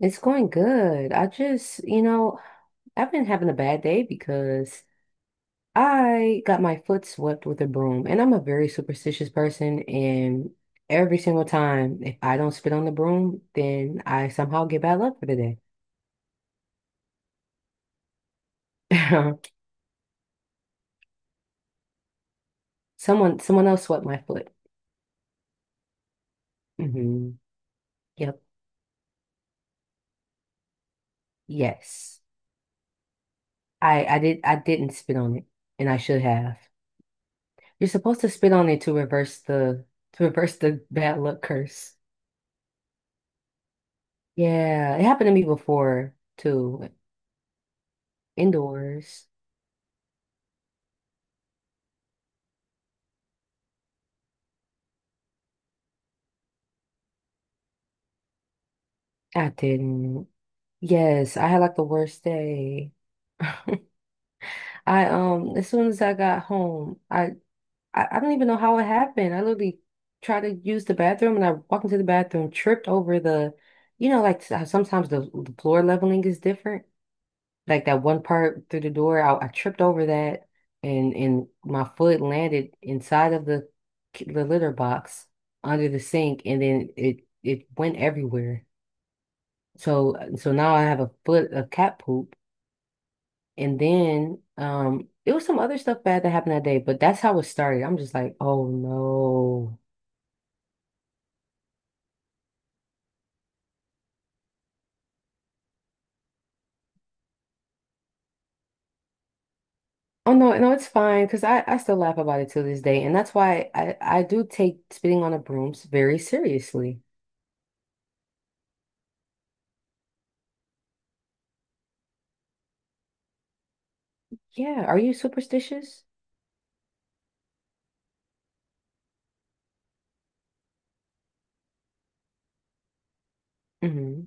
It's going good. I just, you know, I've been having a bad day because I got my foot swept with a broom, and I'm a very superstitious person. And every single time, if I don't spit on the broom, then I somehow get bad luck for the day. Someone else swept my foot. Hmm. Yep. Yes. I did. I didn't spit on it, and I should have. You're supposed to spit on it to reverse the bad luck curse. Yeah, it happened to me before too. Indoors. I didn't. Yes, I had like the worst day. I As soon as I got home, I don't even know how it happened. I literally tried to use the bathroom and I walked into the bathroom, tripped over the, like how sometimes the floor leveling is different. Like that one part through the door, I tripped over that, and my foot landed inside of the litter box under the sink, and then it went everywhere. So now I have a foot of cat poop, and then it was some other stuff bad that happened that day, but that's how it started. I'm just like, oh no. Oh no, no, it's fine because I still laugh about it to this day, and that's why I do take spitting on the brooms very seriously. Yeah, are you superstitious? Mm-hmm.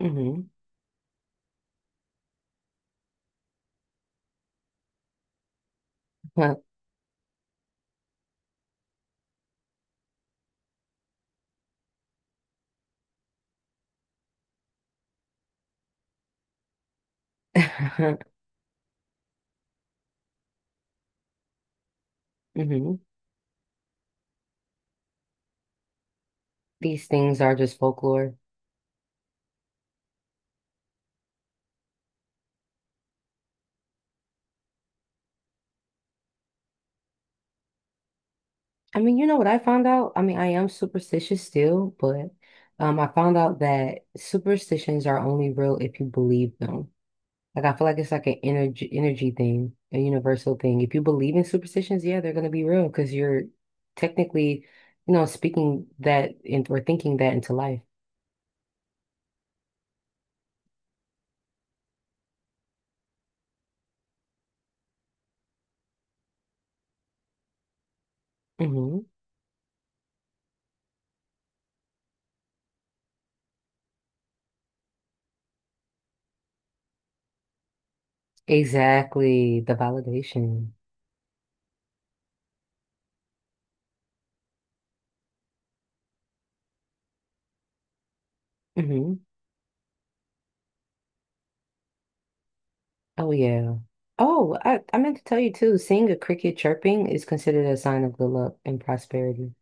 Mm-hmm. Mm-hmm. These things are just folklore. I mean, you know what I found out? I mean, I am superstitious still, but I found out that superstitions are only real if you believe them. Like I feel like it's like an energy thing, a universal thing. If you believe in superstitions, yeah, they're gonna be real because you're technically, speaking that in, or thinking that into life. Hmm. Exactly, the validation. Hmm. Oh yeah. Oh, I meant to tell you too, seeing a cricket chirping is considered a sign of good luck and prosperity.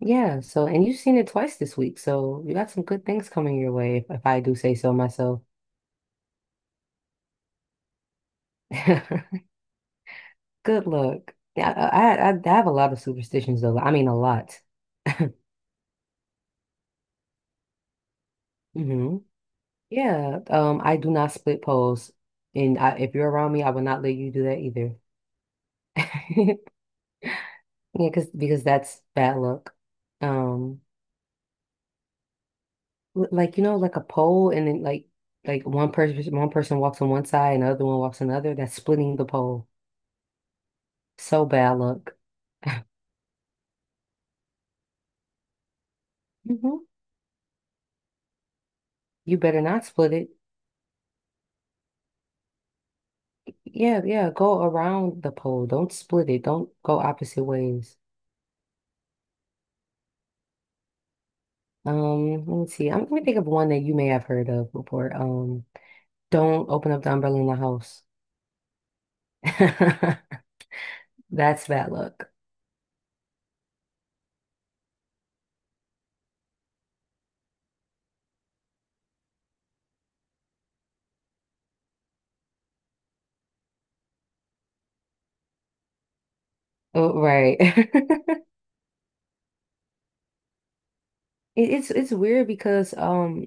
Yeah, so and you've seen it twice this week, so you got some good things coming your way, if I do say so myself. Good luck. Yeah, I have a lot of superstitions though. I mean, a lot. Hmm. Yeah, I do not split poles. And I, if you're around me, I will not let you do that either. Yeah, because that's bad luck. Um, Like, like a pole, and then like one person walks on one side and the other one walks on the other. That's splitting the pole. So bad luck. Hmm. You better not split it. Yeah, yeah, go around the pole. Don't split it. Don't go opposite ways. Let me see. I'm gonna think of one that you may have heard of before. Don't open up the umbrella in the house. That's bad luck. Oh, right. It's weird, because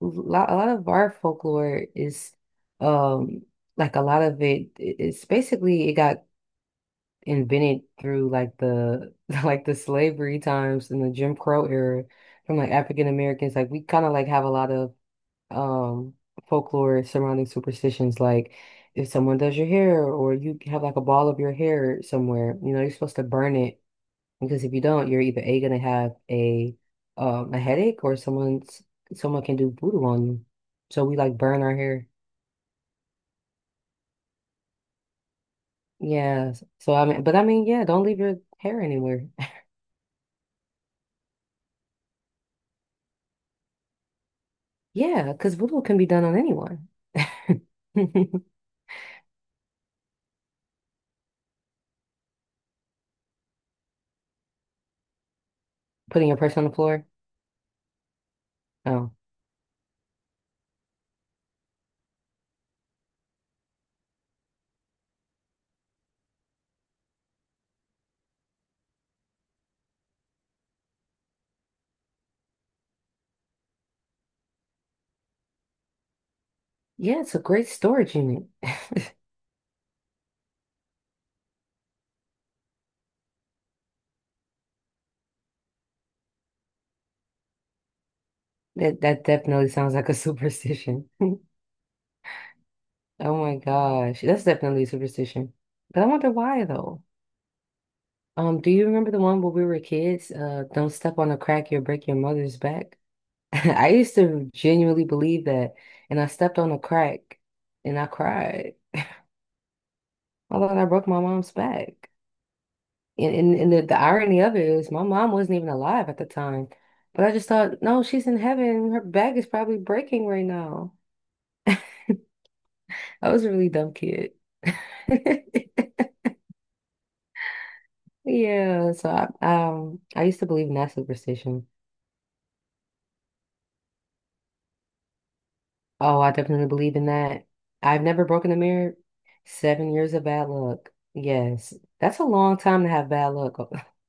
lo a lot of our folklore is um like a lot of it's basically it got invented through like the like the slavery times and the Jim Crow era, from like African Americans. Like, we kind of like have a lot of um folklore surrounding superstitions, like if someone does your hair, or you have like a ball of your hair somewhere, you're supposed to burn it, because if you don't, you're either A gonna have a headache, or someone can do voodoo on you. So we like burn our hair. Yeah. So I mean, but I mean, yeah, don't leave your hair anywhere. Yeah, because voodoo can be done on anyone. Putting a person on the floor. Oh. Yeah, it's a great storage unit. That definitely sounds like a superstition. Oh my gosh. That's definitely a superstition. But I wonder why though. Do you remember the one where we were kids? Don't step on a crack, you'll break your mother's back. I used to genuinely believe that, and I stepped on a crack and I cried. I thought I broke my mom's back. And the irony of it is, my mom wasn't even alive at the time. But I just thought, no, she's in heaven. Her back is probably breaking right now. I was a really dumb kid. Yeah, so I used to believe in that superstition. Oh, I definitely believe in that. I've never broken a mirror. 7 years of bad luck. Yes. That's a long time to have bad luck.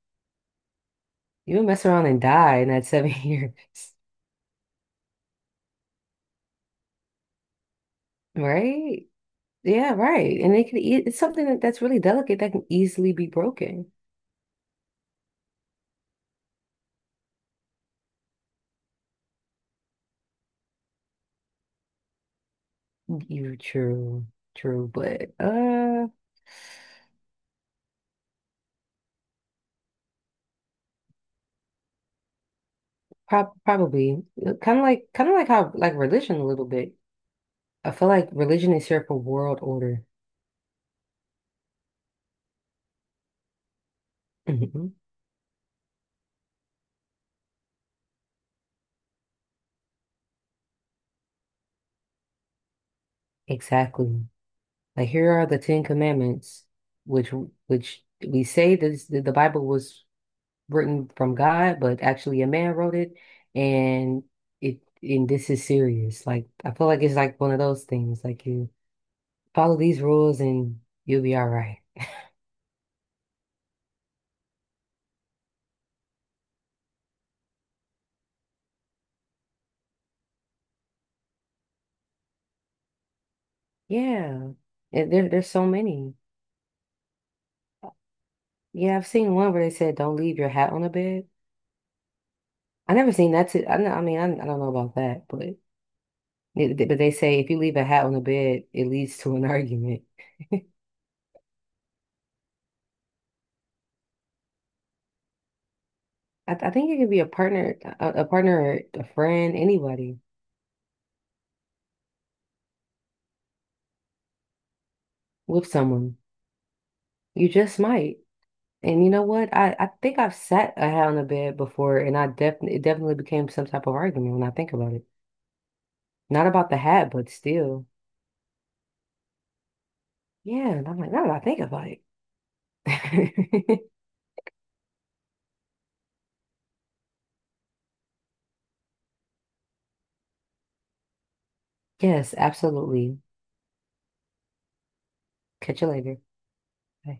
You would mess around and die in that seven years. Right? Yeah, right. And it can e it's something that's really delicate, that can easily be broken. You true, true, but probably, kind of like how like religion a little bit. I feel like religion is here for world order. Hmm. Exactly. Like, here are the Ten Commandments, which which we say this, that the Bible was written from God, but actually a man wrote it, and and this is serious. Like I feel like it's like one of those things. Like, you follow these rules and you'll be all right. Yeah. And there's so many. Yeah, I've seen one where they said don't leave your hat on the bed. I never seen that. I mean, I don't know about that, but but they say if you leave a hat on the bed, it leads to an argument. I think it could be a partner, a partner, or a friend, anybody with someone. You just might. And you know what? I think I've sat a hat on the bed before, and I definitely it definitely became some type of argument when I think about it. Not about the hat, but still. Yeah, and I'm like, now that I think about it. Yes, absolutely. Catch you later. Bye.